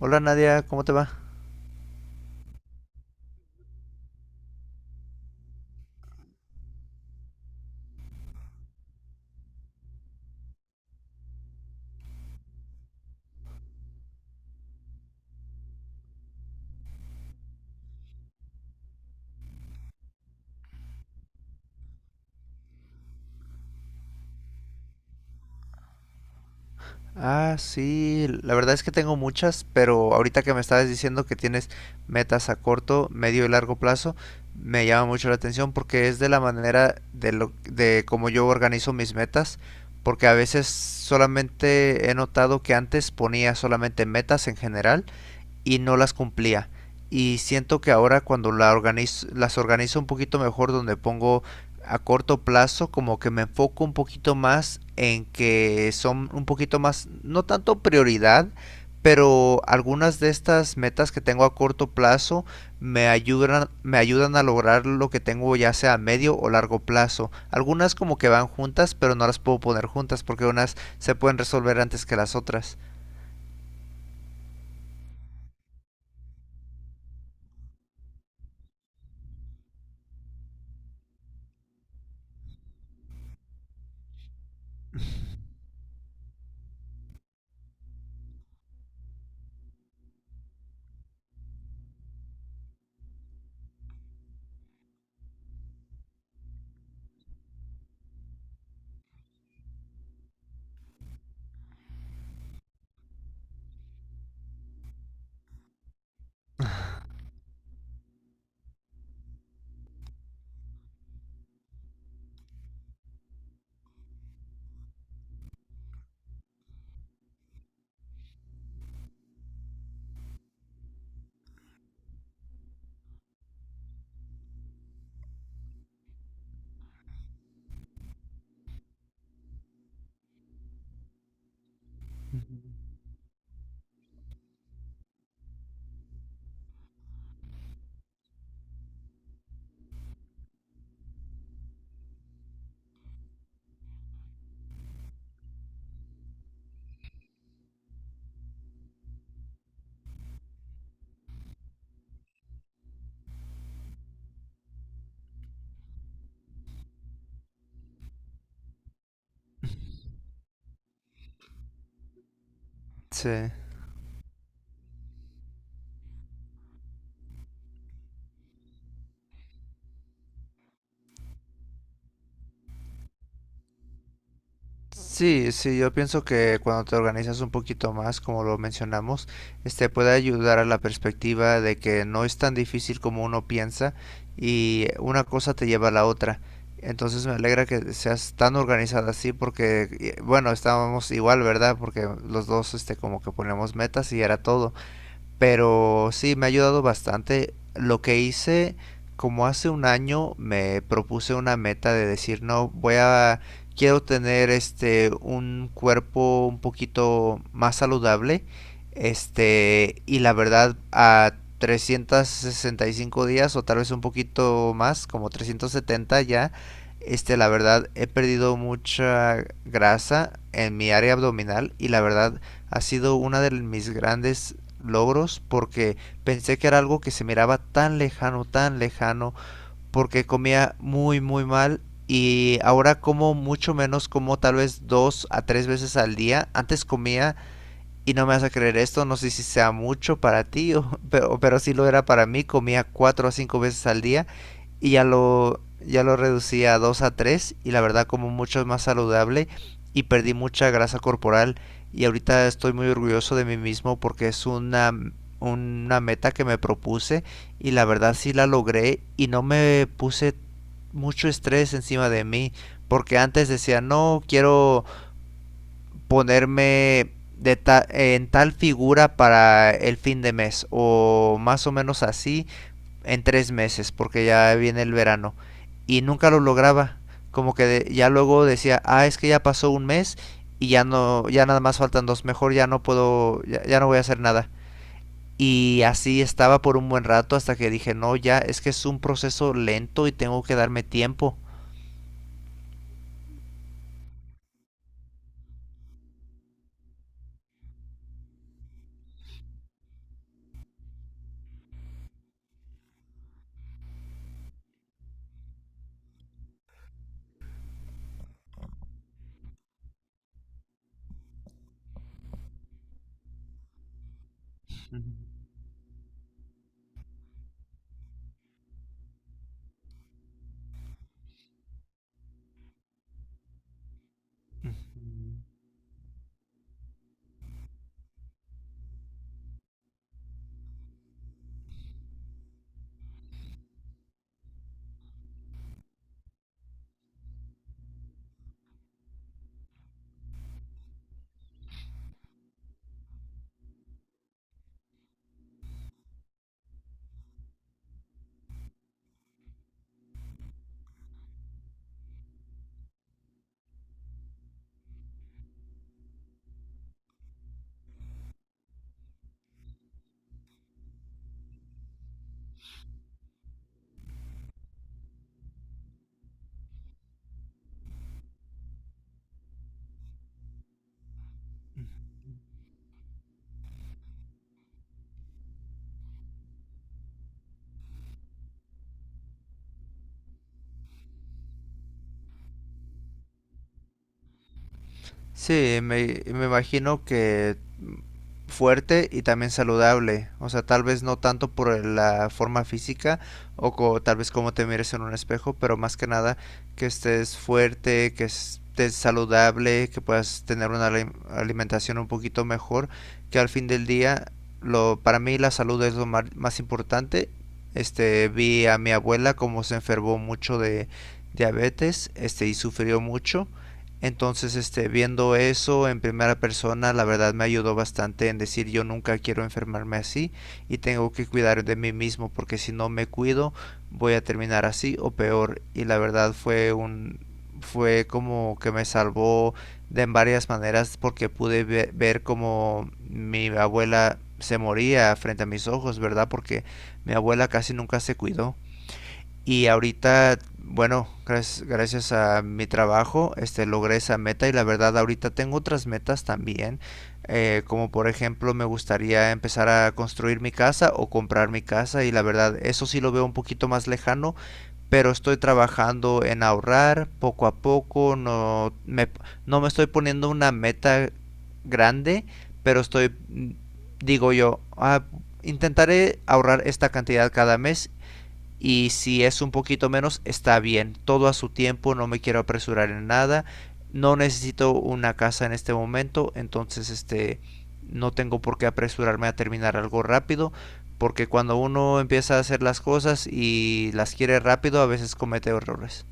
Hola Nadia, ¿cómo te va? Ah, sí, la verdad es que tengo muchas, pero ahorita que me estabas diciendo que tienes metas a corto, medio y largo plazo, me llama mucho la atención porque es de la manera de lo de cómo yo organizo mis metas, porque a veces solamente he notado que antes ponía solamente metas en general y no las cumplía. Y siento que ahora cuando la organizo, las organizo un poquito mejor, donde pongo a corto plazo, como que me enfoco un poquito más en que son un poquito más, no tanto prioridad, pero algunas de estas metas que tengo a corto plazo me ayudan a lograr lo que tengo ya sea a medio o largo plazo. Algunas como que van juntas, pero no las puedo poner juntas porque unas se pueden resolver antes que las otras. Sí. Sí, sí, yo pienso que cuando te organizas un poquito más, como lo mencionamos, este puede ayudar a la perspectiva de que no es tan difícil como uno piensa y una cosa te lleva a la otra. Entonces me alegra que seas tan organizada así porque, bueno, estábamos igual, ¿verdad? Porque los dos, este, como que ponemos metas y era todo. Pero sí, me ha ayudado bastante. Lo que hice, como hace un año, me propuse una meta de decir, no, voy a, quiero tener este, un cuerpo un poquito más saludable. Este, y la verdad, a 365 días o tal vez un poquito más, como 370 ya, este, la verdad, he perdido mucha grasa en mi área abdominal y la verdad, ha sido uno de mis grandes logros porque pensé que era algo que se miraba tan lejano, porque comía muy, muy mal y ahora como mucho menos, como tal vez dos a tres veces al día. Antes comía y no me vas a creer esto, no sé si sea mucho para ti, o- pero sí lo era para mí. Comía cuatro a cinco veces al día y ya lo reducí a dos a tres y la verdad como mucho más saludable y perdí mucha grasa corporal y ahorita estoy muy orgulloso de mí mismo porque es una meta que me propuse y la verdad sí la logré y no me puse mucho estrés encima de mí porque antes decía no quiero ponerme de ta en tal figura para el fin de mes o más o menos así en tres meses porque ya viene el verano y nunca lo lograba como que de, ya luego decía ah es que ya pasó un mes y ya no ya nada más faltan dos mejor ya no puedo ya, ya no voy a hacer nada y así estaba por un buen rato hasta que dije no ya es que es un proceso lento y tengo que darme tiempo. Sí me imagino que fuerte y también saludable. O sea, tal vez no tanto por la forma física o co- tal vez como te mires en un espejo, pero más que nada que estés fuerte, que estés saludable, que puedas tener una alimentación un poquito mejor, que al fin del día lo para mí la salud es lo mar- más importante. Este, vi a mi abuela como se enfermó mucho de diabetes, este y sufrió mucho entonces, este, viendo eso en primera persona, la verdad me ayudó bastante en decir yo nunca quiero enfermarme así y tengo que cuidar de mí mismo porque si no me cuido voy a terminar así o peor. Y la verdad fue un, fue como que me salvó de en varias maneras porque pude ve- ver como mi abuela se moría frente a mis ojos, ¿verdad? Porque mi abuela casi nunca se cuidó. Y ahorita, bueno, gracias a mi trabajo, este, logré esa meta y la verdad ahorita tengo otras metas también. Como por ejemplo, me gustaría empezar a construir mi casa o comprar mi casa y la verdad eso sí lo veo un poquito más lejano, pero estoy trabajando en ahorrar poco a poco, no me estoy poniendo una meta grande, pero estoy, digo yo, "Ah, intentaré ahorrar esta cantidad cada mes y si es un poquito menos, está bien. Todo a su tiempo, no me quiero apresurar en nada. No necesito una casa en este momento, entonces este no tengo por qué apresurarme a terminar algo rápido, porque cuando uno empieza a hacer las cosas y las quiere rápido, a veces comete errores.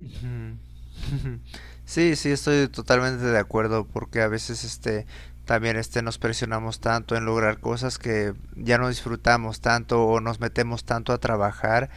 Ujú. Ujú. Sí, sí, estoy totalmente de acuerdo porque a veces este también este nos presionamos tanto en lograr cosas que ya no disfrutamos tanto o nos metemos tanto a trabajar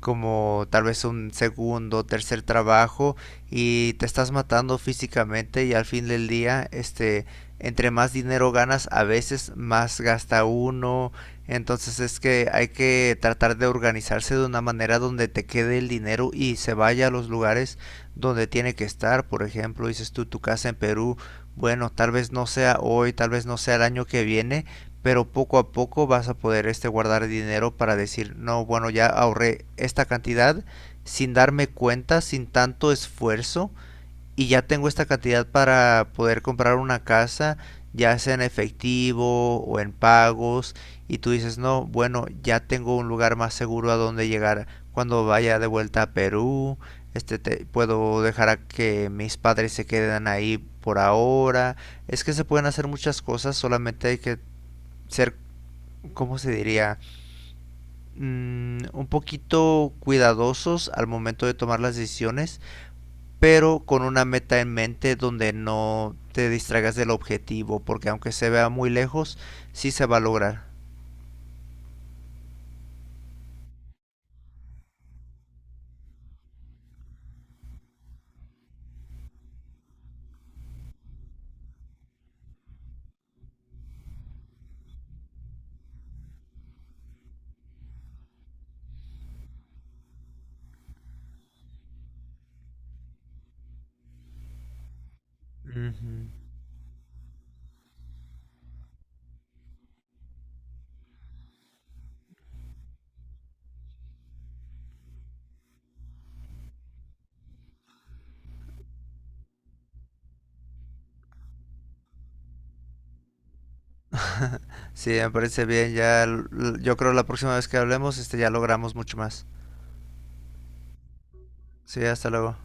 como tal vez un segundo, tercer trabajo y te estás matando físicamente y al fin del día este entre más dinero ganas a veces más gasta uno entonces es que hay que tratar de organizarse de una manera donde te quede el dinero y se vaya a los lugares donde tiene que estar. Por ejemplo, dices tú tu casa en Perú, bueno, tal vez no sea hoy, tal vez no sea el año que viene, pero poco a poco vas a poder este guardar dinero para decir, no, bueno, ya ahorré esta cantidad sin darme cuenta, sin tanto esfuerzo y ya tengo esta cantidad para poder comprar una casa, ya sea en efectivo o en pagos, y tú dices, no, bueno, ya tengo un lugar más seguro a donde llegar cuando vaya de vuelta a Perú, este, te- puedo dejar a que mis padres se queden ahí por ahora. Es que se pueden hacer muchas cosas, solamente hay que ser, ¿cómo se diría? Un poquito cuidadosos al momento de tomar las decisiones pero con una meta en mente donde no te distraigas del objetivo, porque aunque se vea muy lejos, sí se va a lograr. Ujú. Sí, me parece bien, ya l- yo creo la próxima vez que hablemos, este ya logramos mucho más. Sí, hasta luego.